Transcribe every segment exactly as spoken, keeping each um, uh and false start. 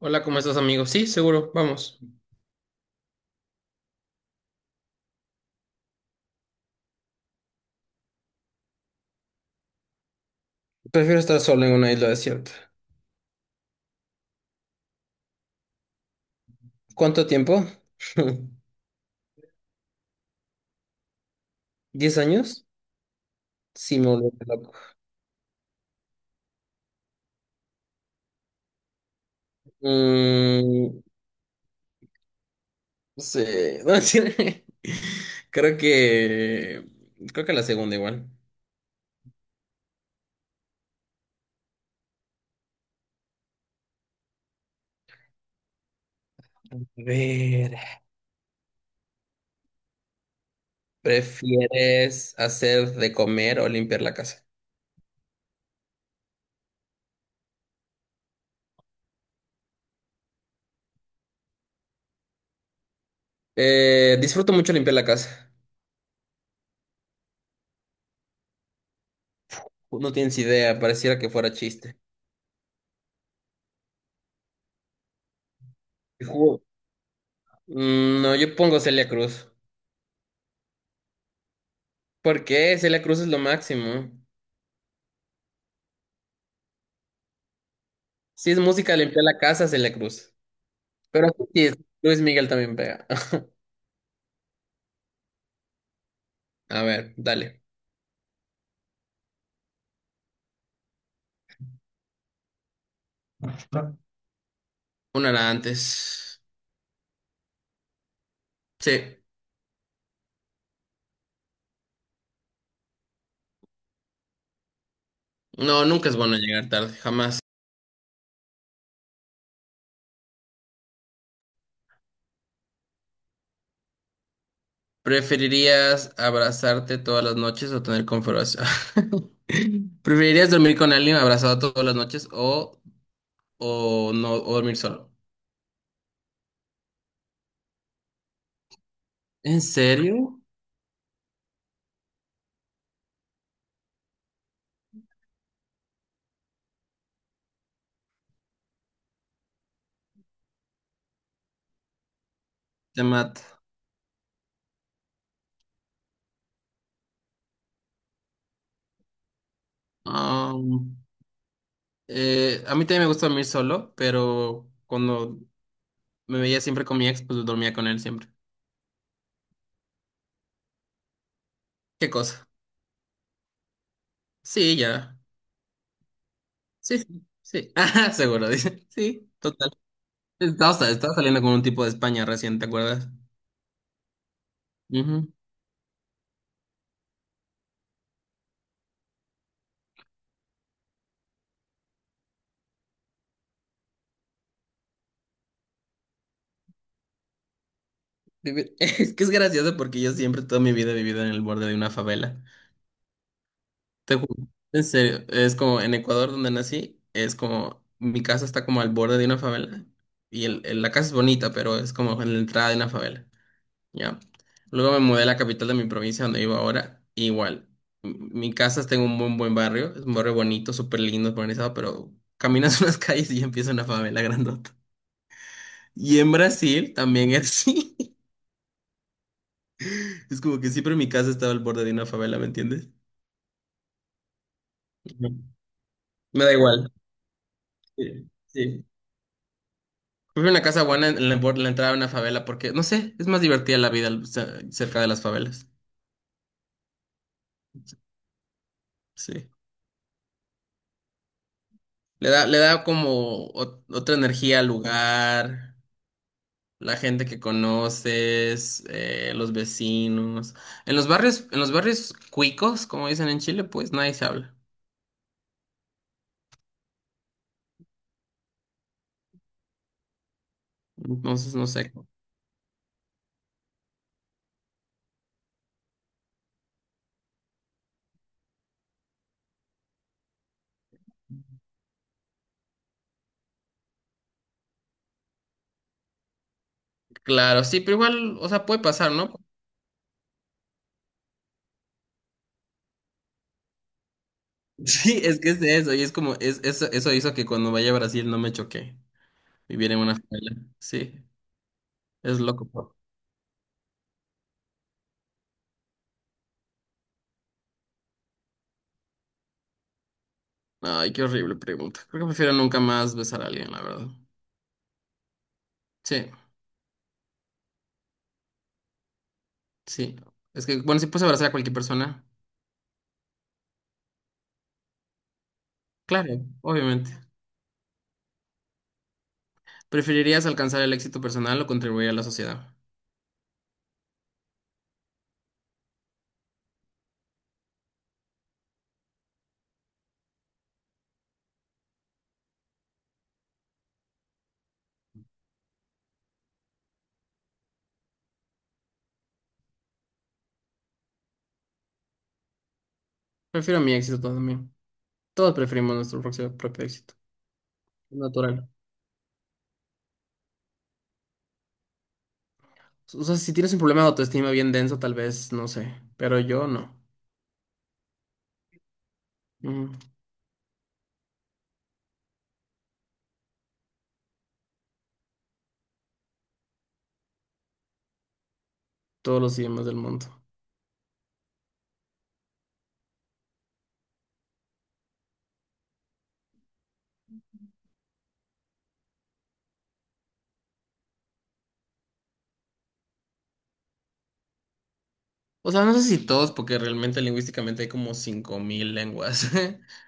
Hola, ¿cómo estás, amigo? Sí, seguro, vamos. Prefiero estar solo en una isla desierta. ¿Cuánto tiempo? ¿Diez años? Sí, me volví loco. Mm, sí. No, sí. Creo que... Creo que la segunda igual. A ver, ¿prefieres hacer de comer o limpiar la casa? Eh, disfruto mucho limpiar la casa. No tienes idea, pareciera que fuera chiste. Ju- Mm, no, yo pongo Celia Cruz. ¿Por qué? Celia Cruz es lo máximo. Si es música, limpia la casa, se le cruza. Pero sí, es- Luis Miguel también pega. A ver, dale. Una era antes. Sí. No, nunca es bueno llegar tarde, jamás. ¿Preferirías abrazarte todas las noches o tener conversación? ¿Preferirías dormir con alguien abrazado todas las noches o, o no o dormir solo? ¿En serio? Te mata. Um, eh, a mí también me gusta dormir solo, pero cuando me veía siempre con mi ex, pues dormía con él siempre. ¿Qué cosa? Sí, ya. Sí, sí, sí. Ajá, seguro, dice. Sí, total. Estaba, estaba saliendo con un tipo de España recién, ¿te acuerdas? Ujú. Vivi- Es que es gracioso porque yo siempre toda mi vida he vivido en el borde de una favela. Te juro. En serio, es como en Ecuador donde nací, es como mi casa está como al borde de una favela y el, el- la casa es bonita, pero es como en la entrada de una favela. Ya. Luego me mudé a la capital de mi provincia donde vivo ahora. Igual. m- Mi casa está en un buen, buen barrio. Es un barrio bonito, súper lindo, organizado, pero caminas unas calles y ya empieza una favela grandota. Y en Brasil también es así. Es como que siempre mi casa estaba al borde de una favela, ¿me entiendes? Ujú. Me da igual. Sí, sí. Prefiero una casa buena en la, bor- en la entrada de una favela porque, no sé, es más divertida la vida al- ce- cerca de las favelas. Sí. Le da, le da como ot- otra energía al lugar. La gente que conoces, eh, los vecinos. En los barrios, en los barrios cuicos, como dicen en Chile, pues nadie se habla. Entonces, no sé. Claro, sí, pero igual, o sea, puede pasar, ¿no? Sí, es que es de eso, y es como, es, eso, eso hizo que cuando vaya a Brasil no me choqué. Vivir en una favela. Sí, es loco, po. Ay, qué horrible pregunta. Creo que prefiero nunca más besar a alguien, la verdad. Sí, sí. Es que, bueno, si puedes abrazar a cualquier persona, claro, obviamente. ¿Preferirías alcanzar el éxito personal o contribuir a la sociedad? Prefiero mi éxito también. Todos preferimos nuestro propio, propio éxito. Es natural. O sea, si tienes un problema de autoestima bien denso, tal vez, no sé. Pero yo no. Mm, Todos los idiomas del mundo. O sea, no sé si todos, porque realmente lingüísticamente hay como cinco mil lenguas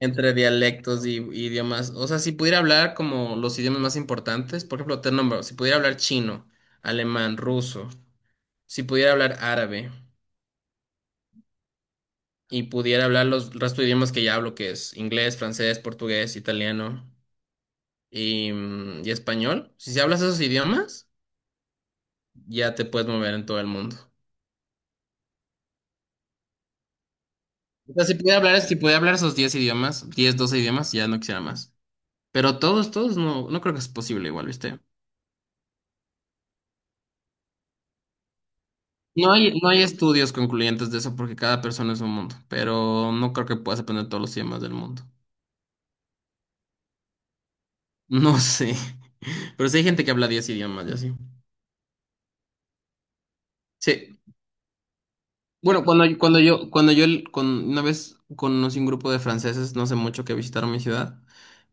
entre dialectos y, y idiomas. O sea, si pudiera hablar como los idiomas más importantes, por ejemplo, te nombro, si pudiera hablar chino, alemán, ruso, si pudiera hablar árabe, y pudiera hablar los el resto de idiomas que ya hablo, que es inglés, francés, portugués, italiano y, mm, y español. Si se hablas esos idiomas, ya te puedes mover en todo el mundo. O sea, si pudiera hablar, si pudiera hablar esos diez idiomas, diez doce idiomas, ya no quisiera más. Pero todos, todos no, no creo que es posible igual, ¿viste? No hay, no hay estudios concluyentes de eso porque cada persona es un mundo, pero no creo que puedas aprender todos los idiomas del mundo. No sé. Pero sí hay gente que habla diez idiomas y así. Sí. Bueno, cuando, yo- cuando yo, cuando yo el- con, una vez conocí un grupo de franceses, no sé mucho, que visitaron mi ciudad,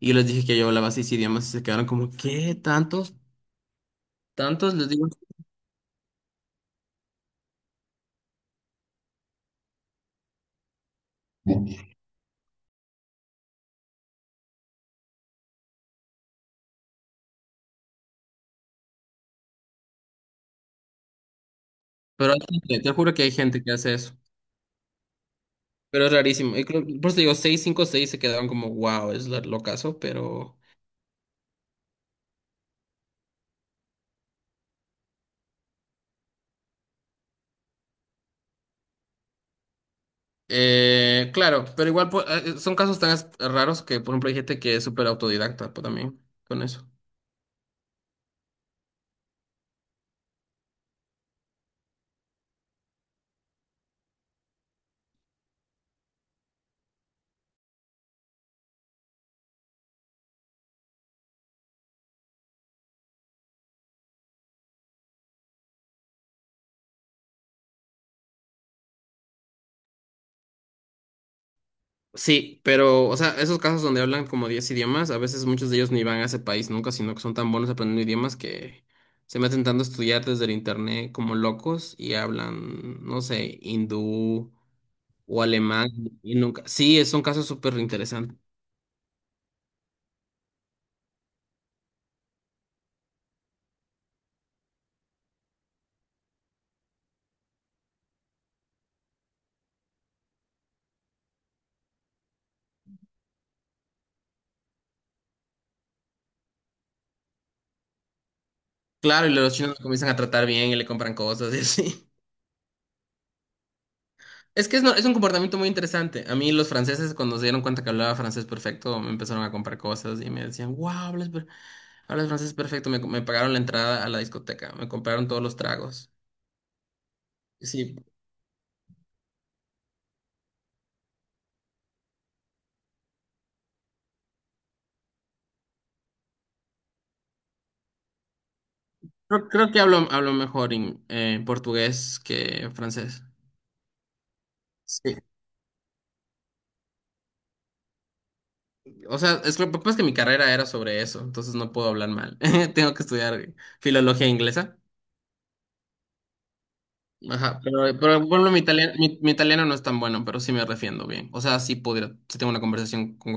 y les dije que yo hablaba seis idiomas y se quedaron como, ¿qué? ¿Tantos? ¿Tantos? Les digo, pero hay gente, te juro que hay gente que hace eso, pero es rarísimo. Y creo- por eso digo, seis, cinco, seis se quedaron como, wow, es la- lo caso, pero. Eh, claro, pero igual pues, eh, son casos tan as- raros que, por ejemplo, hay gente que es súper autodidacta pues, también con eso. Sí, pero, o sea, esos casos donde hablan como diez idiomas, a veces muchos de ellos ni van a ese país nunca, sino que son tan buenos aprendiendo idiomas que se meten tanto a estudiar desde el internet como locos y hablan, no sé, hindú o alemán y nunca. Sí, es un caso súper interesante. Claro, y los chinos lo comienzan a tratar bien y le compran cosas y así. Es que es, no- es un comportamiento muy interesante. A mí los franceses, cuando se dieron cuenta que hablaba francés perfecto, me empezaron a comprar cosas y me decían, wow, hablas, per- hablas francés perfecto. Me, me pagaron la entrada a la discoteca, me compraron todos los tragos. Sí, creo, creo que hablo, hablo mejor en eh, portugués que francés. Sí. O sea, es que lo que pasa es que mi carrera era sobre eso, entonces no puedo hablar mal. Tengo que estudiar filología inglesa. Ajá, pero, pero por ejemplo, mi italiano, mi, mi italiano no es tan bueno, pero sí me refiendo bien. O sea, sí pudiera, sí tengo una conversación con.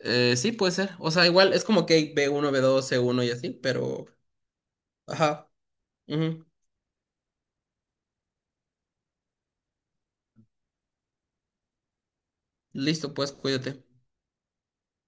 Eh, sí, puede ser. O sea, igual es como que hay B uno, B dos, C uno y así, pero. Ajá. Ujú. Listo, pues cuídate.